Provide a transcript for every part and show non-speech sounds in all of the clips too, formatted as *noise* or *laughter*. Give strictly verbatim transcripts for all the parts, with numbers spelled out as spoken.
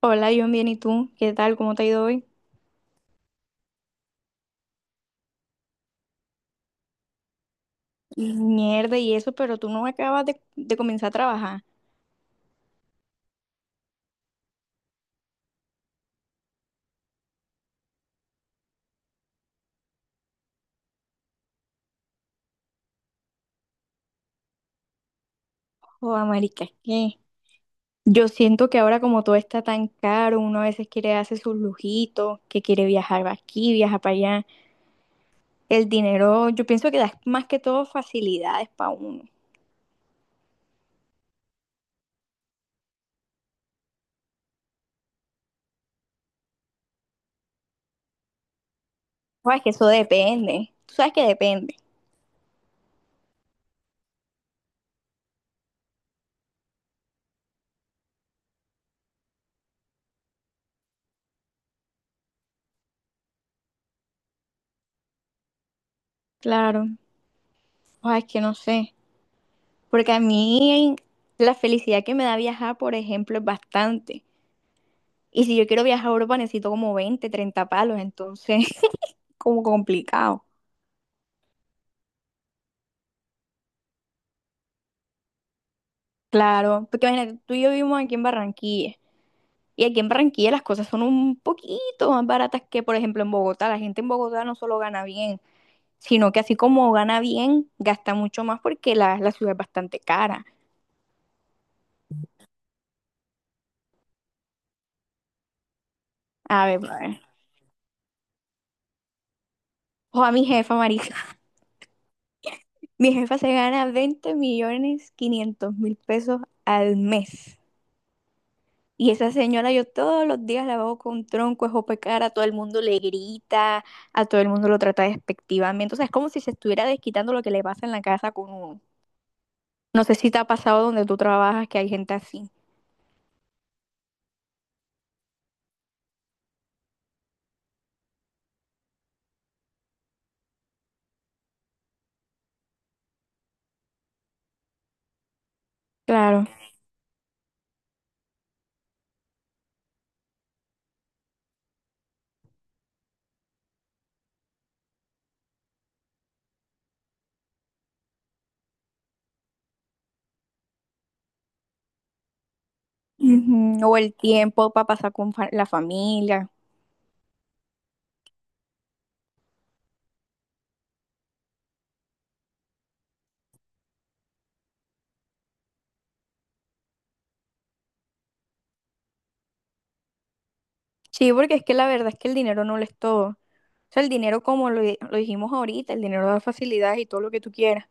Hola, yo bien, ¿y tú? ¿Qué tal? ¿Cómo te ha ido hoy? Mierda, y eso, pero tú no acabas de, de comenzar a trabajar. Joda, marica, ¿qué? Yo siento que ahora como todo está tan caro, uno a veces quiere hacer sus lujitos, que quiere viajar pa' aquí, viajar para allá. El dinero, yo pienso que da más que todo facilidades para uno. Joda, es que eso depende. Tú sabes que depende. Claro. Joda, es que no sé. Porque a mí la felicidad que me da viajar, por ejemplo, es bastante. Y si yo quiero viajar a Europa necesito como veinte, treinta palos, entonces *laughs* como complicado. Claro, porque imagínate, tú y yo vivimos aquí en Barranquilla. Y aquí en Barranquilla las cosas son un poquito más baratas que, por ejemplo, en Bogotá. La gente en Bogotá no solo gana bien, sino que así como gana bien, gasta mucho más porque la, la ciudad es bastante cara. A ver, a ver. O a mi jefa, Marisa. *laughs* Mi jefa se gana veinte millones quinientos mil pesos al mes. Y esa señora yo todos los días la veo con tronco, es opacara, a todo el mundo le grita, a todo el mundo lo trata despectivamente. O sea, es como si se estuviera desquitando lo que le pasa en la casa con uno. No sé si te ha pasado donde tú trabajas que hay gente así. Claro. Ujú. O el tiempo para pasar con fa- la familia. Sí, porque es que la verdad es que el dinero no lo es todo. O sea, el dinero, como lo, di- lo dijimos ahorita, el dinero da facilidades y todo lo que tú quieras,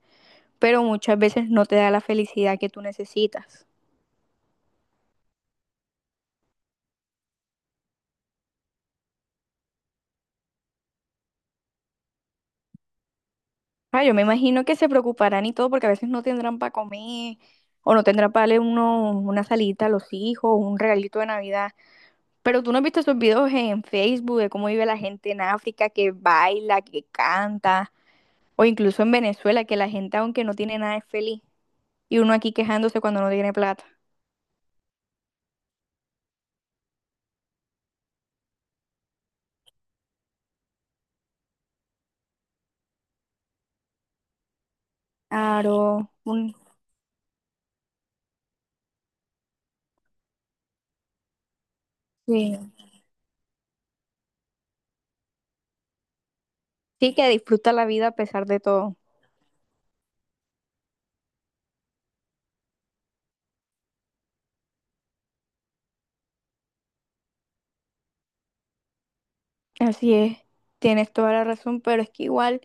pero muchas veces no te da la felicidad que tú necesitas. Ah, yo me imagino que se preocuparán y todo porque a veces no tendrán para comer o no tendrán para darle uno, una salita a los hijos, un regalito de Navidad. Pero tú no has visto esos videos en Facebook de cómo vive la gente en África, que baila, que canta, o incluso en Venezuela, que la gente aunque no tiene nada es feliz. Y uno aquí quejándose cuando no tiene plata. Claro, un- sí. Sí que disfruta la vida a pesar de todo. Así es, tienes toda la razón, pero es que igual,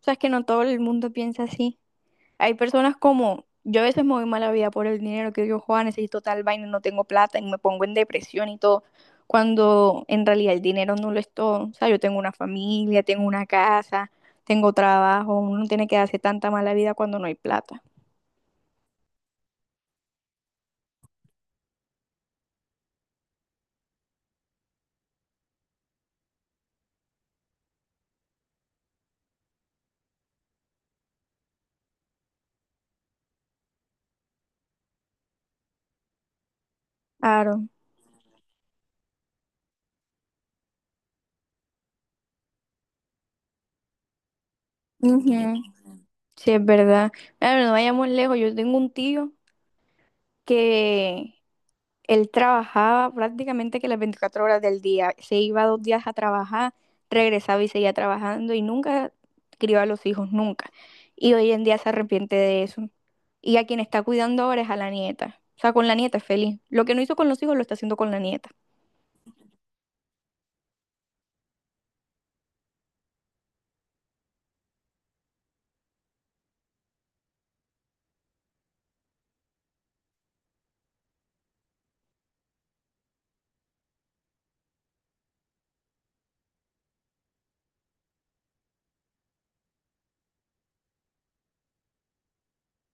o sea, es que no todo el mundo piensa así. Hay personas como, yo a veces me voy mala vida por el dinero que digo Juan, necesito tal vaina, no tengo plata y me pongo en depresión y todo, cuando en realidad el dinero no lo es todo. O sea, yo tengo una familia, tengo una casa, tengo trabajo, uno no tiene que darse tanta mala vida cuando no hay plata. Claro. Ujú. Sí, es verdad. Claro, no vayamos lejos, yo tengo un tío que Él trabajaba prácticamente que las veinticuatro horas del día. Se iba dos días a trabajar, regresaba y seguía trabajando y nunca crió a los hijos, nunca. Y hoy en día se arrepiente de eso. Y a quien está cuidando ahora es a la nieta. O sea, con la nieta es feliz. Lo que no hizo con los hijos lo está haciendo con la nieta.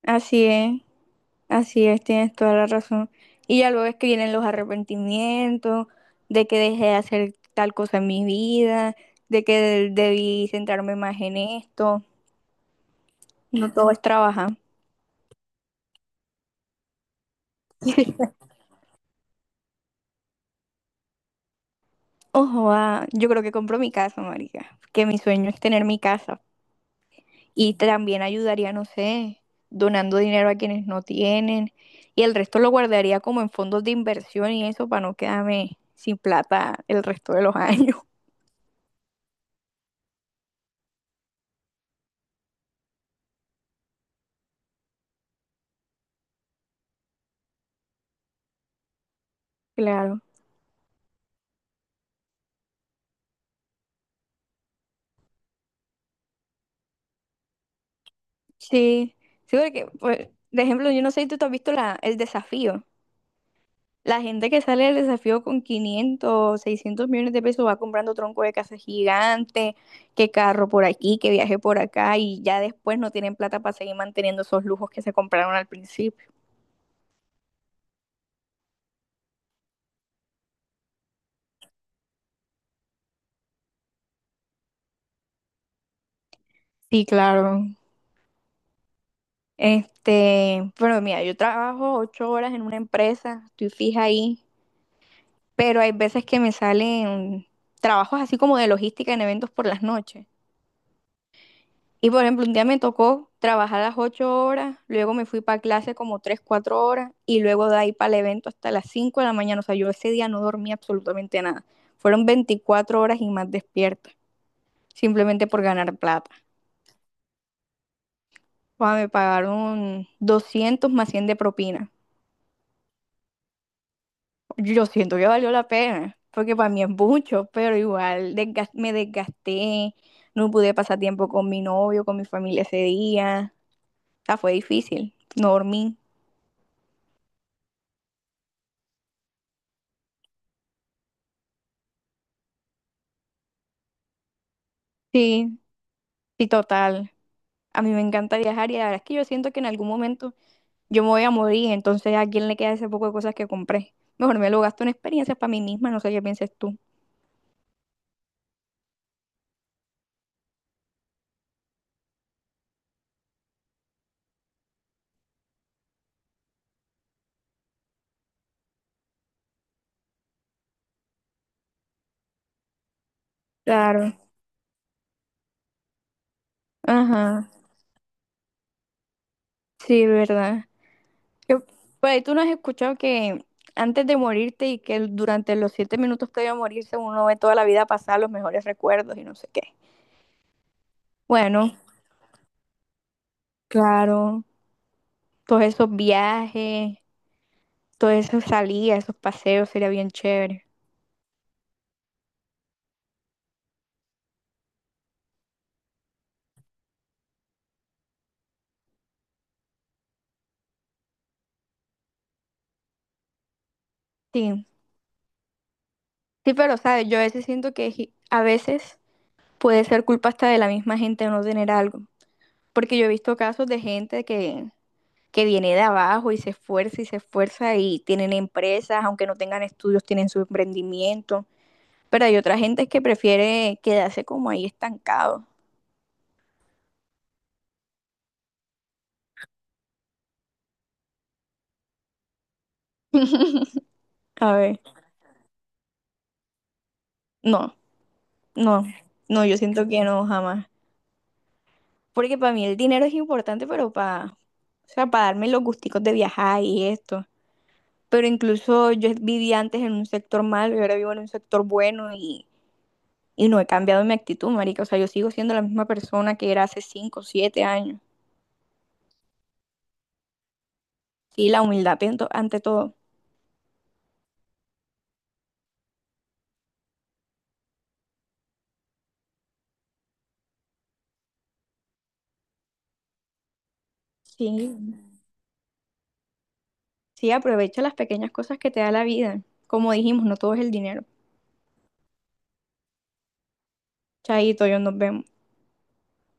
Así es, así es, tienes toda la razón. Y ya luego es que vienen los arrepentimientos de que dejé de hacer tal cosa en mi vida, de que debí centrarme más en esto. No todo es trabajar. Ojo, ah, yo creo que compro mi casa, marica, que mi sueño es tener mi casa y también ayudaría, no sé, donando dinero a quienes no tienen y el resto lo guardaría como en fondos de inversión y eso para no quedarme sin plata el resto de los *laughs* años. Claro. Sí, sí, porque, pues, de ejemplo, yo no sé si tú te has visto la, el desafío. La gente que sale del desafío con quinientos, seiscientos millones de pesos va comprando tronco de casa gigante, que carro por aquí, que viaje por acá y ya después no tienen plata para seguir manteniendo esos lujos que se compraron al principio. Sí, claro. Este, pero mira, yo trabajo ocho horas en una empresa, estoy fija ahí, pero hay veces que me salen trabajos así como de logística en eventos por las noches. Y por ejemplo, un día me tocó trabajar las ocho horas, luego me fui para clase como tres, cuatro horas y luego de ahí para el evento hasta las cinco de la mañana. O sea, yo ese día no dormí absolutamente nada. Fueron veinticuatro horas y más despierta, simplemente por ganar plata. O sea, me pagaron doscientos más cien de propina. Yo siento que valió la pena, porque para mí es mucho, pero igual desgas- me desgasté, no pude pasar tiempo con mi novio, con mi familia ese día. O sea, fue difícil, no dormí. Sí, sí, total. A mí me encanta viajar y la verdad es que yo siento que en algún momento yo me voy a morir, entonces ¿a quién le queda ese poco de cosas que compré? Mejor me lo gasto en experiencias para mí misma, no sé qué pienses tú. Claro. Ajá. Sí, verdad. Yo- por ahí tú no has escuchado que antes de morirte y que durante los siete minutos previo a morirse uno ve toda la vida pasar los mejores recuerdos y no sé qué. Bueno, claro, todos esos viajes, todas esas salidas, esos paseos sería bien chévere. Sí, sí, pero sabes, yo a veces siento que ji- a veces puede ser culpa hasta de la misma gente de no tener algo. Porque yo he visto casos de gente que, que viene de abajo y se esfuerza y se esfuerza y tienen empresas, aunque no tengan estudios, tienen su emprendimiento. Pero hay otra gente que prefiere quedarse como ahí estancado. A ver, no, no, no, yo siento que no, jamás. Porque para mí el dinero es importante, pero para, o sea, para darme los gusticos de viajar y esto. Pero incluso yo vivía antes en un sector malo y ahora vivo en un sector bueno y Y no he cambiado mi actitud, marica. O sea, yo sigo siendo la misma persona que era hace cinco siete años. Sí, la humildad pento- ante todo. Sí, sí, aprovecha las pequeñas cosas que te da la vida. Como dijimos, no todo es el dinero. Chaito, yo nos vemos.